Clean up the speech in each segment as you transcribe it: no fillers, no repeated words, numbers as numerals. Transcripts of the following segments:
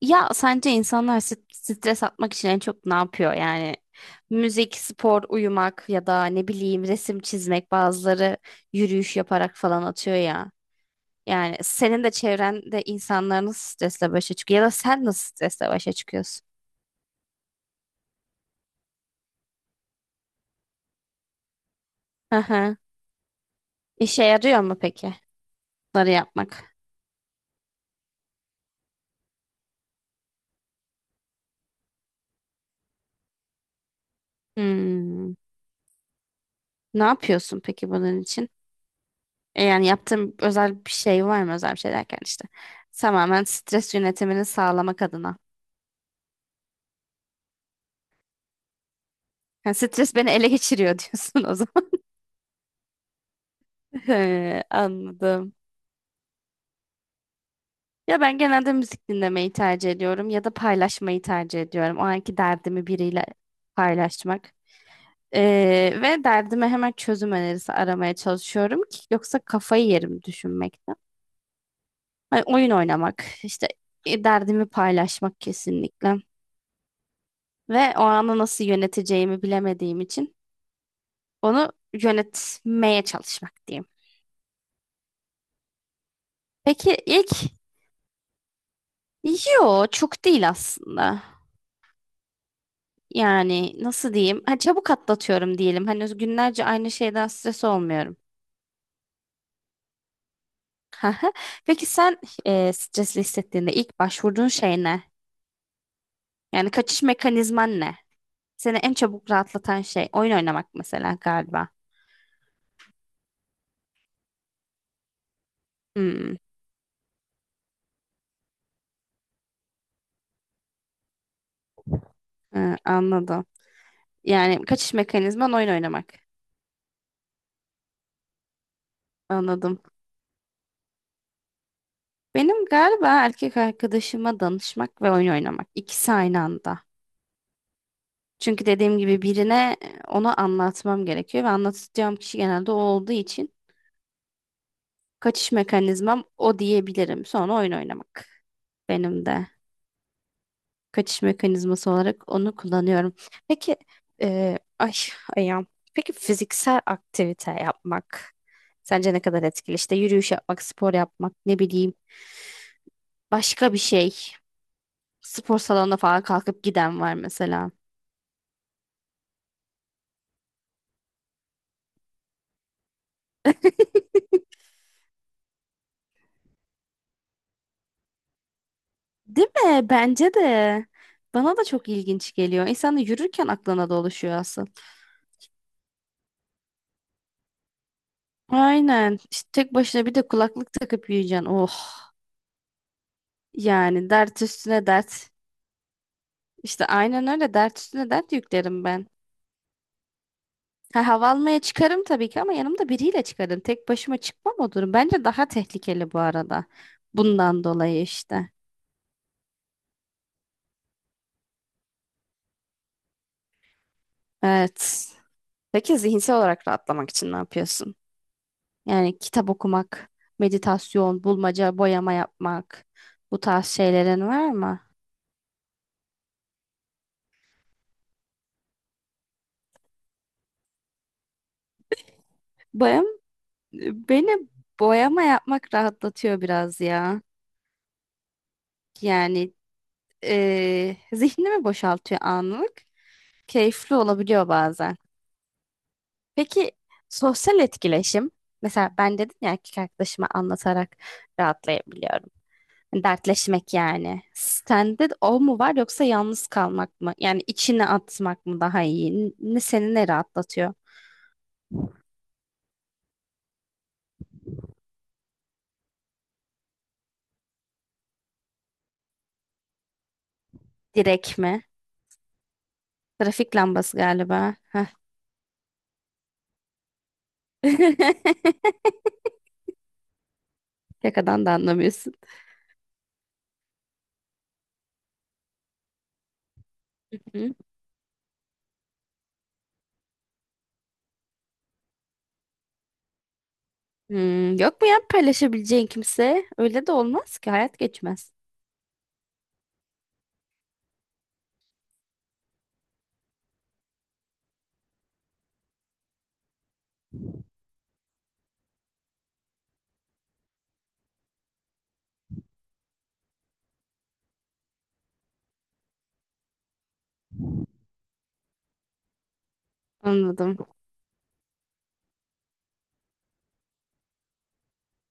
Ya sence insanlar stres atmak için en çok ne yapıyor? Yani müzik, spor, uyumak ya da ne bileyim resim çizmek bazıları yürüyüş yaparak falan atıyor ya. Yani senin de çevrende insanlar nasıl stresle başa çıkıyor ya da sen nasıl stresle başa çıkıyorsun? Hı hı. İşe yarıyor mu peki bunları yapmak? Hmm. Ne yapıyorsun peki bunun için? Yani yaptığın özel bir şey var mı? Özel bir şey derken işte tamamen stres yönetimini sağlamak adına. Yani stres beni ele geçiriyor diyorsun o zaman. He, anladım. Ya ben genelde müzik dinlemeyi tercih ediyorum ya da paylaşmayı tercih ediyorum. O anki derdimi biriyle paylaşmak. Ve derdime hemen çözüm önerisi aramaya çalışıyorum ki yoksa kafayı yerim düşünmekten. Hani oyun oynamak, işte derdimi paylaşmak kesinlikle. Ve o anı nasıl yöneteceğimi bilemediğim için onu yönetmeye çalışmak diyeyim. Peki ilk, yo çok değil aslında. Yani nasıl diyeyim? Ha, çabuk atlatıyorum diyelim. Hani günlerce aynı şeyden stres olmuyorum. Haha. Peki sen, stresli hissettiğinde ilk başvurduğun şey ne? Yani kaçış mekanizman ne? Seni en çabuk rahatlatan şey oyun oynamak mesela galiba. Hmm, ha, anladım. Yani kaçış mekanizman oyun oynamak. Anladım. Benim galiba erkek arkadaşıma danışmak ve oyun oynamak. İkisi aynı anda. Çünkü dediğim gibi birine onu anlatmam gerekiyor ve anlatacağım kişi genelde o olduğu için kaçış mekanizmam o diyebilirim. Sonra oyun oynamak benim de kaçış mekanizması olarak onu kullanıyorum. Peki e, ay ayağım. Peki fiziksel aktivite yapmak sence ne kadar etkili? İşte yürüyüş yapmak, spor yapmak, ne bileyim başka bir şey. Spor salonuna falan kalkıp giden var mesela. Değil mi? Bence de. Bana da çok ilginç geliyor. İnsan da yürürken aklına dolaşıyor aslında. Aynen. İşte tek başına bir de kulaklık takıp yürüyeceksin. Oh. Yani dert üstüne dert. İşte aynen öyle dert üstüne dert yüklerim ben. Ha, hava almaya çıkarım tabii ki ama yanımda biriyle çıkarım. Tek başıma çıkmam o durum. Bence daha tehlikeli bu arada. Bundan dolayı işte. Evet. Peki zihinsel olarak rahatlamak için ne yapıyorsun? Yani kitap okumak, meditasyon, bulmaca, boyama yapmak bu tarz şeylerin var mı? Bayım, beni boyama yapmak rahatlatıyor biraz ya. Yani zihnimi boşaltıyor anlık. Keyifli olabiliyor bazen. Peki sosyal etkileşim? Mesela ben dedim ya erkek arkadaşıma anlatarak rahatlayabiliyorum. Dertleşmek yani. Sende de o mu var yoksa yalnız kalmak mı? Yani içine atmak mı daha iyi? Ne seni ne rahatlatıyor? Direk mi? Trafik lambası galiba. Heh. Şakadan da anlamıyorsun. Hı? Hmm, yok mu ya paylaşabileceğin kimse? Öyle de olmaz ki hayat geçmez. Anladım.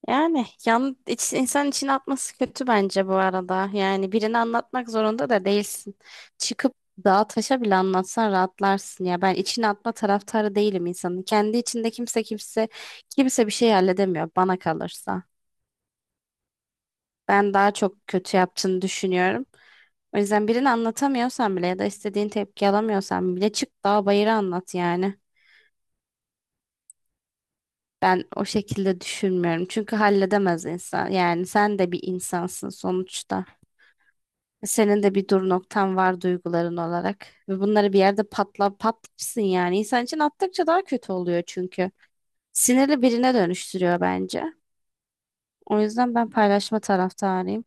Yani insan içine atması kötü bence bu arada. Yani birini anlatmak zorunda da değilsin. Çıkıp dağa taşa bile anlatsan rahatlarsın ya. Ben içine atma taraftarı değilim insanın. Kendi içinde kimse bir şey halledemiyor bana kalırsa. Ben daha çok kötü yaptığını düşünüyorum. O yüzden birini anlatamıyorsan bile ya da istediğin tepki alamıyorsan bile çık dağa bayıra anlat yani. Ben o şekilde düşünmüyorum. Çünkü halledemez insan. Yani sen de bir insansın sonuçta. Senin de bir dur noktan var duyguların olarak. Ve bunları bir yerde patla patlarsın yani. İnsan için attıkça daha kötü oluyor çünkü. Sinirli birine dönüştürüyor bence. O yüzden ben paylaşma taraftarıyım.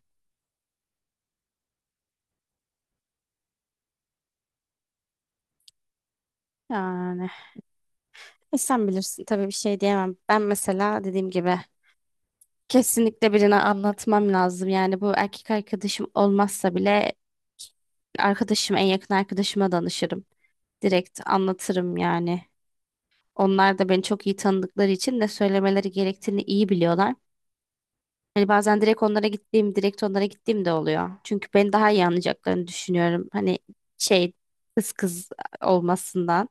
Yani sen bilirsin tabii bir şey diyemem. Ben mesela dediğim gibi kesinlikle birine anlatmam lazım. Yani bu erkek arkadaşım olmazsa bile en yakın arkadaşıma danışırım. Direkt anlatırım yani. Onlar da beni çok iyi tanıdıkları için ne söylemeleri gerektiğini iyi biliyorlar. Hani bazen direkt onlara gittiğim de oluyor. Çünkü beni daha iyi anlayacaklarını düşünüyorum. Hani şey kız olmasından.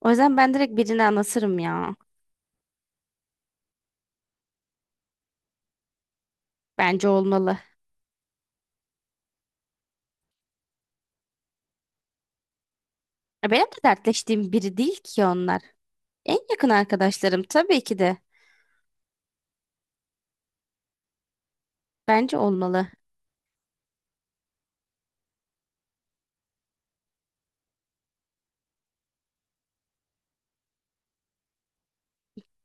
O yüzden ben direkt birine anlatırım ya. Bence olmalı. Ya benim de dertleştiğim biri değil ki onlar. En yakın arkadaşlarım tabii ki de. Bence olmalı.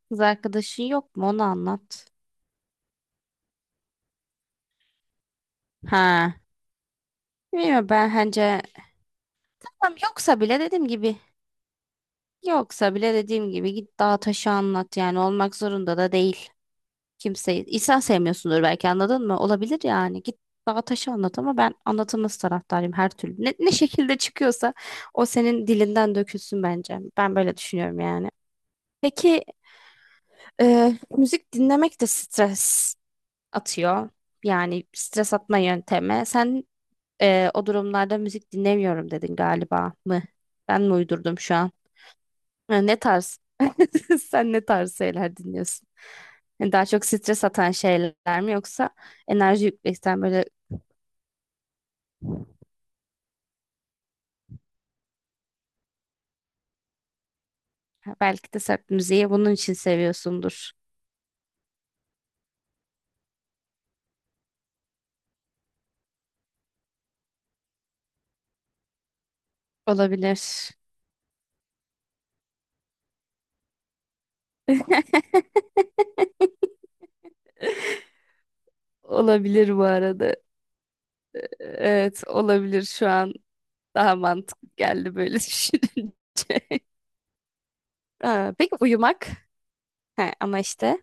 Kız arkadaşın yok mu? Onu anlat. Ha. Bilmiyorum ben bence, tamam, yoksa bile dediğim gibi, yoksa bile dediğim gibi git dağa taşı anlat yani olmak zorunda da değil. Kimseyi insan sevmiyorsundur belki anladın mı? Olabilir yani git dağa taşı anlat ama ben anlatılması taraftarıyım her türlü. Ne şekilde çıkıyorsa o senin dilinden dökülsün bence. Ben böyle düşünüyorum yani. Peki müzik dinlemek de stres atıyor. Yani stres atma yöntemi. Sen o durumlarda müzik dinlemiyorum dedin galiba mı? Ben mi uydurdum şu an? Ha, ne tarz? Sen ne tarz şeyler dinliyorsun? Yani daha çok stres atan şeyler mi yoksa enerji yükleyen böyle, ha, belki de sert müziği bunun için seviyorsundur. Olabilir. Olabilir bu arada. Evet, olabilir şu an daha mantıklı geldi böyle düşününce. Ha, peki uyumak? He, ama işte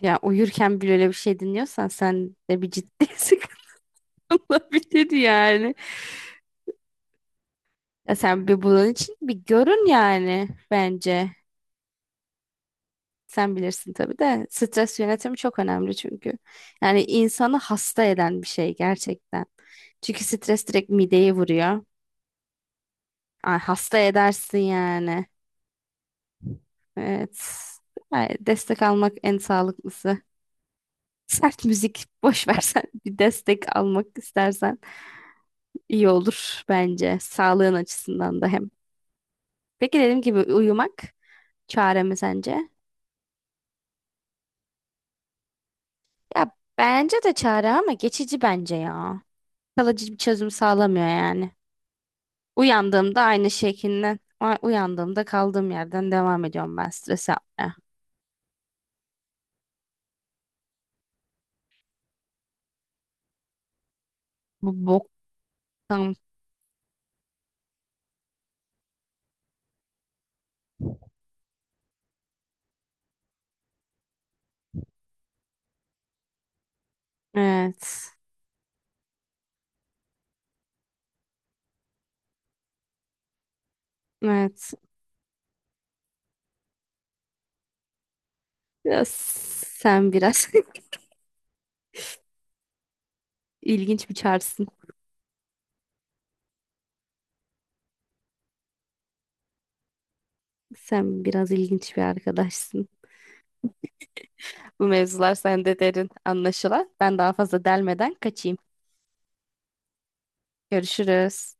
ya uyurken bile öyle bir şey dinliyorsan sen de bir ciddi sıkıntı olabilir yani. Ya sen bir bunun için bir görün yani bence. Sen bilirsin tabii de stres yönetimi çok önemli çünkü. Yani insanı hasta eden bir şey gerçekten. Çünkü stres direkt mideyi vuruyor. Ay, hasta edersin yani. Evet. Ay, destek almak en sağlıklısı. Sert müzik boş versen bir destek almak istersen. İyi olur bence. Sağlığın açısından da hem. Peki dediğim gibi uyumak çare mi sence? Ya bence de çare ama geçici bence ya. Kalıcı bir çözüm sağlamıyor yani. Uyandığımda aynı şekilde, uyandığımda kaldığım yerden devam ediyorum ben stres yapmaya. Bu boktan. Evet. Evet. Biraz, sen biraz ilginç bir çarsın. Sen biraz ilginç bir arkadaşsın. Bu mevzular sende derin anlaşılan. Ben daha fazla delmeden kaçayım. Görüşürüz.